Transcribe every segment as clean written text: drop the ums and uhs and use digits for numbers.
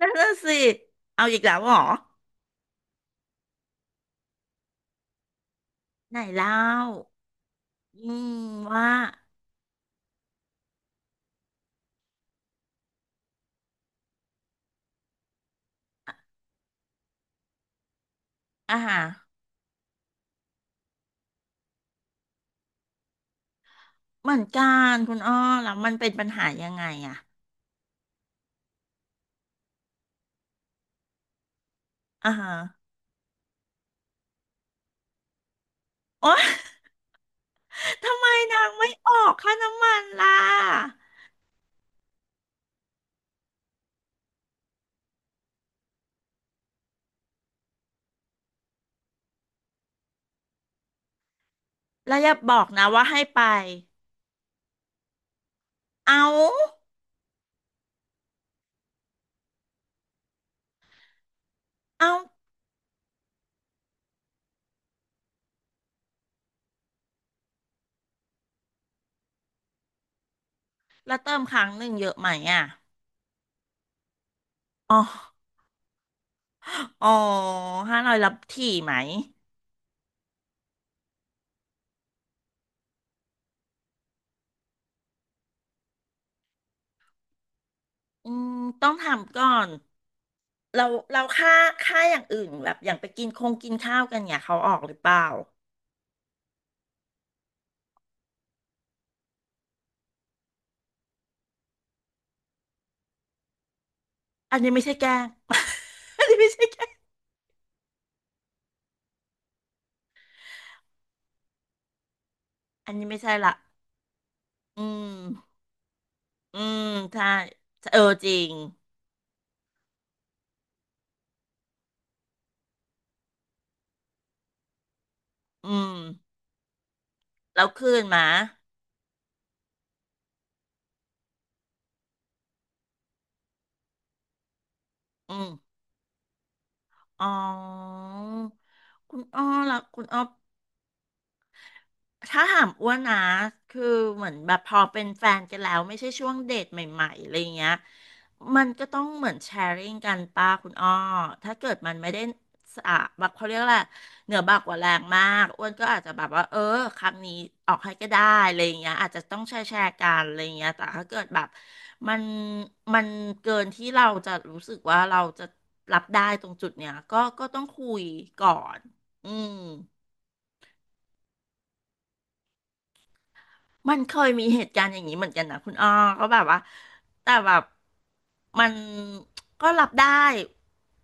นั่นน่ะสิเอาอีกแล้วเหรอไหนเล่าอืมว่าอ่าฮะเหมือนกันคุณอ้อแล้วมันเป็นปัญหายังไงอะอ่าฮะโอ๊ย ทำไมนางไม่ออกค่าน้ำมันล่ะแล้วอย่าบอกนะว่าให้ไปเอาเอาแล้วเติมครั้งหนึ่งเยอะไหมอะอ๋ออ๋อห้าร้อยรับถี่ไหมอืมต้องทำก่อนเราเราค่าอย่างอื่นแบบอย่างไปกินคงกินข้าวกันเนี่ยเขาออกหรือเปล่า อันนี้ไม่ใช่แกล้ง อันนี้ไม่ใช่แกล้งอันนี้ไม่ใช่ละอืมอืมใช่เออจริง อืมแล้วคืนหมา อืมอ๋อ คุณอ้อล่ะคุณอ้อ ถ้าถามอ้วนนะคือเหมือนแบบพอเป็นแฟนกันแล้วไม่ใช่ช่วงเดทใหม่ๆอะไรเงี้ยมันก็ต้องเหมือนแชร์ริ่งกันป้าคุณอ้อถ้าเกิดมันไม่ได้สะแบักเขาเรียกและไรเหนือบักกว่าแรงมากอ้วนก็อาจจะแบบว่าเออครั้งนี้ออกให้ก็ได้อะไรเงี้ยอาจจะต้องแชร์แชร์กันอะไรเงี้ยแต่ถ้าเกิดแบบมันมันเกินที่เราจะรู้สึกว่าเราจะรับได้ตรงจุดเนี้ยก็ต้องคุยก่อนอืม มันเคยมีเหตุการณ์อย่างนี้เหมือนกันนะคุณอ้อก็แบบว่าแต่แบบมันก็รับได้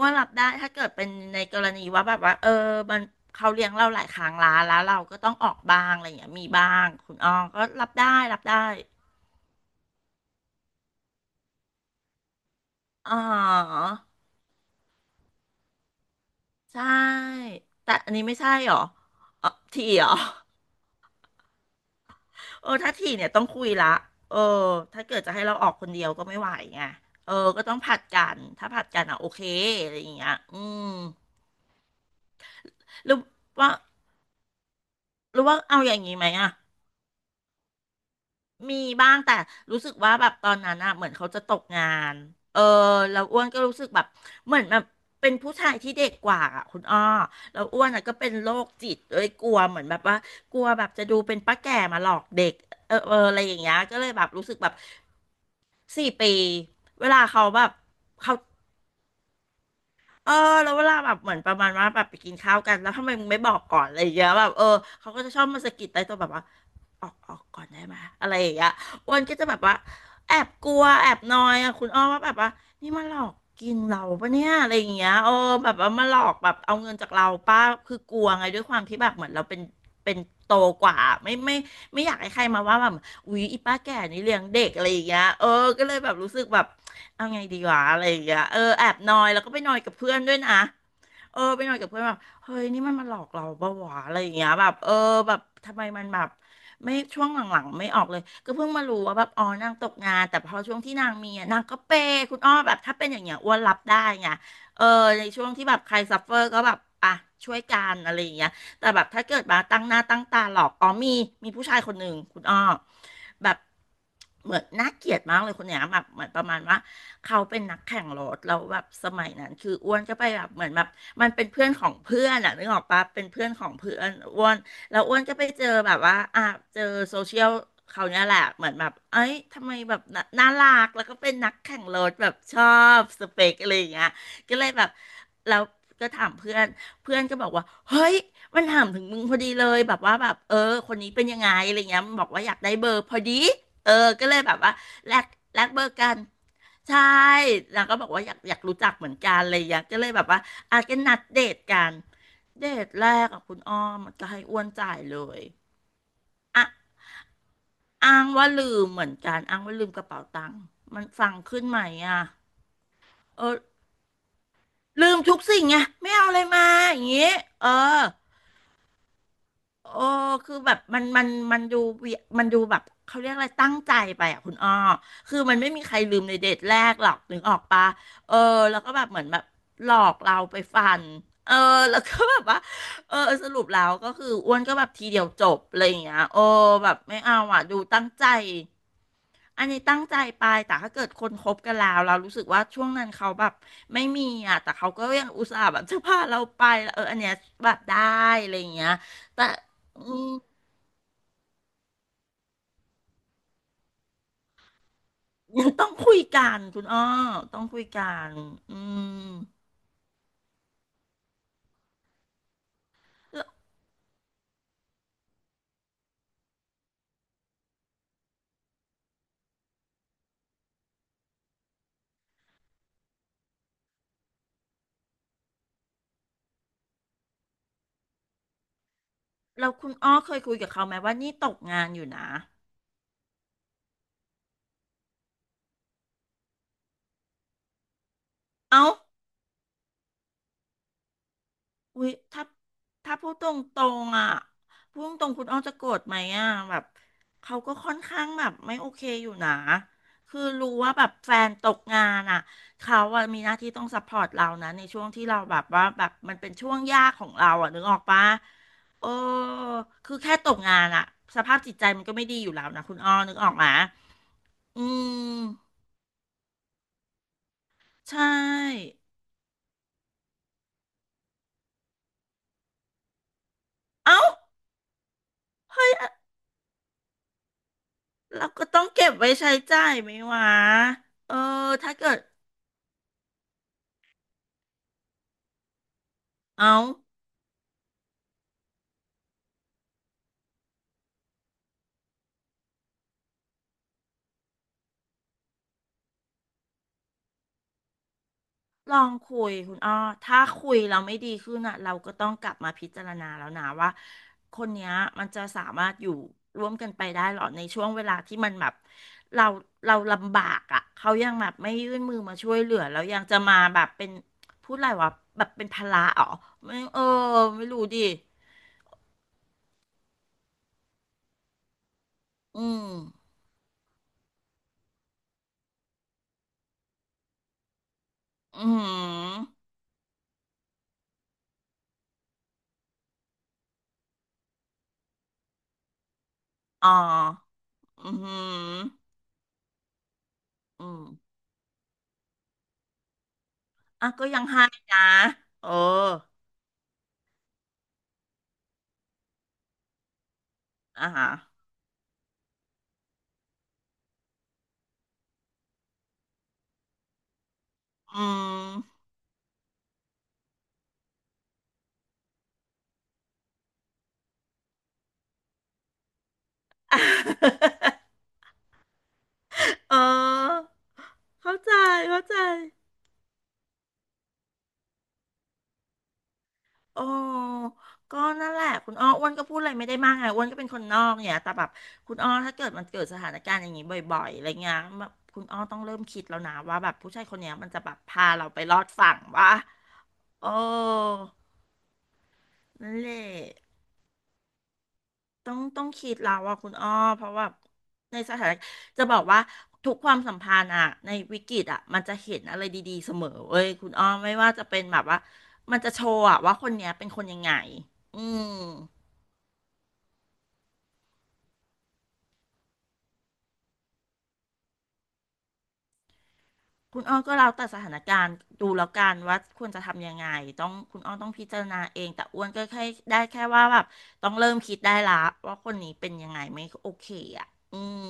ว่ารับได้ถ้าเกิดเป็นในกรณีว่าแบบว่าเออมันเขาเลี้ยงเราหลายครั้งละแล้วเราก็ต้องออกบ้างอะไรอย่างเงี้ยมีบ้างคุณอ้อก็รับได้รับได้อ๋อใช่แต่อันนี้ไม่ใช่หรออ๋อทีหรอ เออถ้าทีเนี่ยต้องคุยละเออถ้าเกิดจะให้เราออกคนเดียวก็ไม่ไหวไงเออก็ต้องผัดกันถ้าผัดกันอ่ะโอเคอะไรอย่างเงี้ยอืมหรือว่าหรือว่าเอาอย่างงี้ไหมอ่ะ มีบ้างแต่รู้สึกว่าแบบตอนนั้นอะเหมือนเขาจะตกงานเออแล้วอ้วนก็รู้สึกแบบเหมือนแบบเป็นผู้ชายที่เด็กกว่าอะคุณอ้อแล้วอ้วนอะก็เป็นโรคจิตเลยกลัวเหมือนแบบว่ากลัวแบบจะดูเป็นป้าแก่มาหลอกเด็กเออเอออะไรอย่างเงี้ยก็เลยแบบรู้สึกแบบสี่ปีเวลาเขาแบบเขา เออแล้วเวลาแบบเหมือนประมาณว่าแบบไปกินข้าวกันแล้วทำไมมึงไม่บอกก่อนอะไรอย่างเงี้ยแบบเออเขาก็จะชอบมาสะกิดใต้โตัวแบบว่าออกก่อนได้ไหมอะไรอย่างเงี้ยอ้วนก็จะแบบว่าแอบกลัวแอบนอยอ่ะคุณอ้อว่าแบบว่านี่มาหลอกกินเราปะเนี่ยอะไรอย่างเงี้ยเออแบบว่ามาหลอกแบบเอาเงินจากเราป้าคือกลัวไงด้วยความที่แบบเหมือนเราเป็นเป็นโตกว่าไม่ไม่ไม่อยากให้ใครมาว่าแบบอุ๊ยอีป้าแก่นี่เลี้ยงเด็กอะไรอย่างเงี้ยเออก็เลยแบบรู้สึกแบบ เอาไงดีวะอะไรอย่างเงี้ยเออแอบนอยแล้วก็ไปนอยกับเพื่อนด้วยนะเออไปนอยกับเพื่อนแบบเฮ้ยนี่มันมาหลอกเราปะวะอะไรอย่างเงี้ยแบบเออแบบทำไมมันแบบไม่ช่วงหลังๆไม่ออกเลยก็เพิ่งมารู้ว่าแบบอ๋อนางตกงานแต่พอช่วงที่นางมีอะนางก็เปย์คุณอ้อแบบถ้าเป็นอย่างเงี้ยอ้วนรับได้ไงเออในช่วงที่แบบใครซัฟเฟอร์ก็แบบอ่ะช่วยกันอะไรอย่างเงี้ยแต่แบบถ้าเกิดมาตั้งหน้าตั้งตาหลอกอ๋อมีผู้ชายคนหนึ่งคุณอ้อแบบเหมือนน่าเกลียดมากเลยคนเนี้ยแบบเหมือนประมาณว่า เขาเป็นนักแข่งรถแล้วแบบสมัยนั้นคืออ้วนก็ไปแบบเหมือนแบบมันเป็นเพื่อนของเพื่อนอะนึกออกปะเป็นเพื่อนของเพื่อนอ้วนแล้วอ้วนก็ไปเจอแบบว่าอ่ะเจอโซเชียลเขาเนี่ยแหละเหมือนแบบเอ้ยทำไมแบบน่าน่ารักแล้วก็เป็นนักแข่งรถแบบชอบสเปคอะไรอย่างเงี้ยก็เลยแบบแล้วก็ถามเพื่อนเพื่อนก็บอกว่าเฮ้ยมันถามถึงมึงพอดีเลยแบบว่าแบบเออคนนี้เป็นยังไงอะไรเงี้ยมันบอกว่าอยากได้เบอร์พอดีเออก็เลยแบบว่าแลกแลกเบอร์กัน ใช่นางก็บอกว่าอยากรู้จักเหมือนกันอะไรอย่างเงี้ยก็เลยแบบว่าอาจจะนัดเดทกันเดทแรกกับคุณอ้อมจะให้อ้วนจ่ายเลยอ่ะอ้างว่าลืมเหมือนกันอ้างว่าลืมกระเป๋าตังค์มันฟังขึ้นไหมอ่ะเออลืมทุกสิ่งไงไม่เอาอะไรมาอย่างงี้เออ โอ้คือแบบมันดูเวียมันดูแบบเขาเรียกอะไรตั้งใจไปอ่ะคุณอ้อคือมันไม่มีใครลืมในเดทแรกหรอกนึกออกปะเออแล้วก็แบบเหมือนแบบหลอกเราไปฟัน เออแล้วก็แบบว่าเออสรุปแล้วก็คืออ้วนก็แบบทีเดียวจบอะไรอย่างเงี้ยโอ้แบบไม่เอาอ่ะดูตั้งใจ อันนี้ตั้งใจไป แต่ถ้าเกิดคนคบกันแล้วเรารู้สึกว่าช่วงนั้นเขาแบบไม่มีอ่ะแต่เขาก็ยังอุตส่าห์แบบจะพาเราไปเอออันเนี้ยแบบได้อะไรอย่างเงี้ยแต่อืมยังต้องคุยกันคุณอ้อต้องคุยกันอืมแล้วแล้วคุณอ้อเคยคุยกับเขาไหมว่านี่ตกงานอยู่นะเอ้า อุ้ยถ้าถ้าพูดตรงตรงอ่ะพูดตรงๆคุณอ้อจะโกรธไหมอ่ะแบบเขาก็ค่อนข้างแบบไม่โอเคอยู่นะคือรู้ว่าแบบแฟนตกงานอ่ะเขาอะมีหน้าที่ต้องซัพพอร์ตเรานะในช่วงที่เราแบบว่าแบบมันเป็นช่วงยากของเราอ่ะนึกออกปะเออคือแค่ตกงานอ่ะสภาพจิตใจมันก็ไม่ดีอยู่แล้วนะคุณอ้อนึกออกไหมอืมใช่เอ้าเฮ้ย เราก็ต้องเก็บไว้ใช้จ่ายไหมวะเออถ้าเกิดเอาลองคุยคุณอ้อถ้าคุยเราไม่ดีขึ้นอ่ะเราก็ต้องกลับมาพิจารณาแล้วนะว่าคนเนี้ยมันจะสามารถอยู่ร่วมกันไปได้หรอในช่วงเวลาที่มันแบบเราเราลำบากอ่ะเขายังแบบไม่ยื่นมือมาช่วยเหลือแล้วยังจะมาแบบเป็นพูดอะไรวะแบบเป็นภาระอ๋อไม่เออไม่รู้ดิอืมอืมอหืออ๋ออืมอหืออืม อ่ะก็ยังให้นะเอออ่ะฮะอืม เออเข้าใจเข้าใจโอ้ก็นั่นแหละคุณอ้ออ้วนก็พูดอะไรไม่ได้มากไงอ้วนก็เป็นคนนอกเนี่ยแต่แบบคุณอ้อถ้าเกิดมันเกิดสถานการณ์อย่างนี้บ่อยๆอะไรเงี้ยแบบคุณอ้อต้องเริ่มคิดแล้วนะว่าแบบผู้ชายคนเนี้ยมันจะแบบพาเราไปรอดฝั่งวะโอ้นั่นแหละ ต้องคิดแล้วว่าคุณอ้อเพราะว่าในสถานจะบอกว่าทุกความสัมพันธ์อะในวิกฤตอะมันจะเห็นอะไรดีๆเสมอเว้ยคุณอ้อไม่ว่าจะเป็นแบบว่ามันจะโชว์อะว่าคนเนี้ยเป็นคนยังไงอืมคุณอ้อก็แล้วแต่สถานการณ์ดูแล้วกันว่าควรจะทำยังไงต้องคุณอ้อต้องพิจารณาเองแต่อ้วนก็แค่ได้แค่ว่าแบบต้องเริ่มคิดได้ละว่าคนนี้เป็นยังไงไม่โอเคอะอืม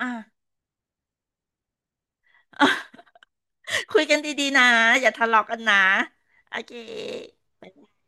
อ่ะ คุยกันดีๆนะอย่าทะเลาะกันนะโอเคบ๊ายบาย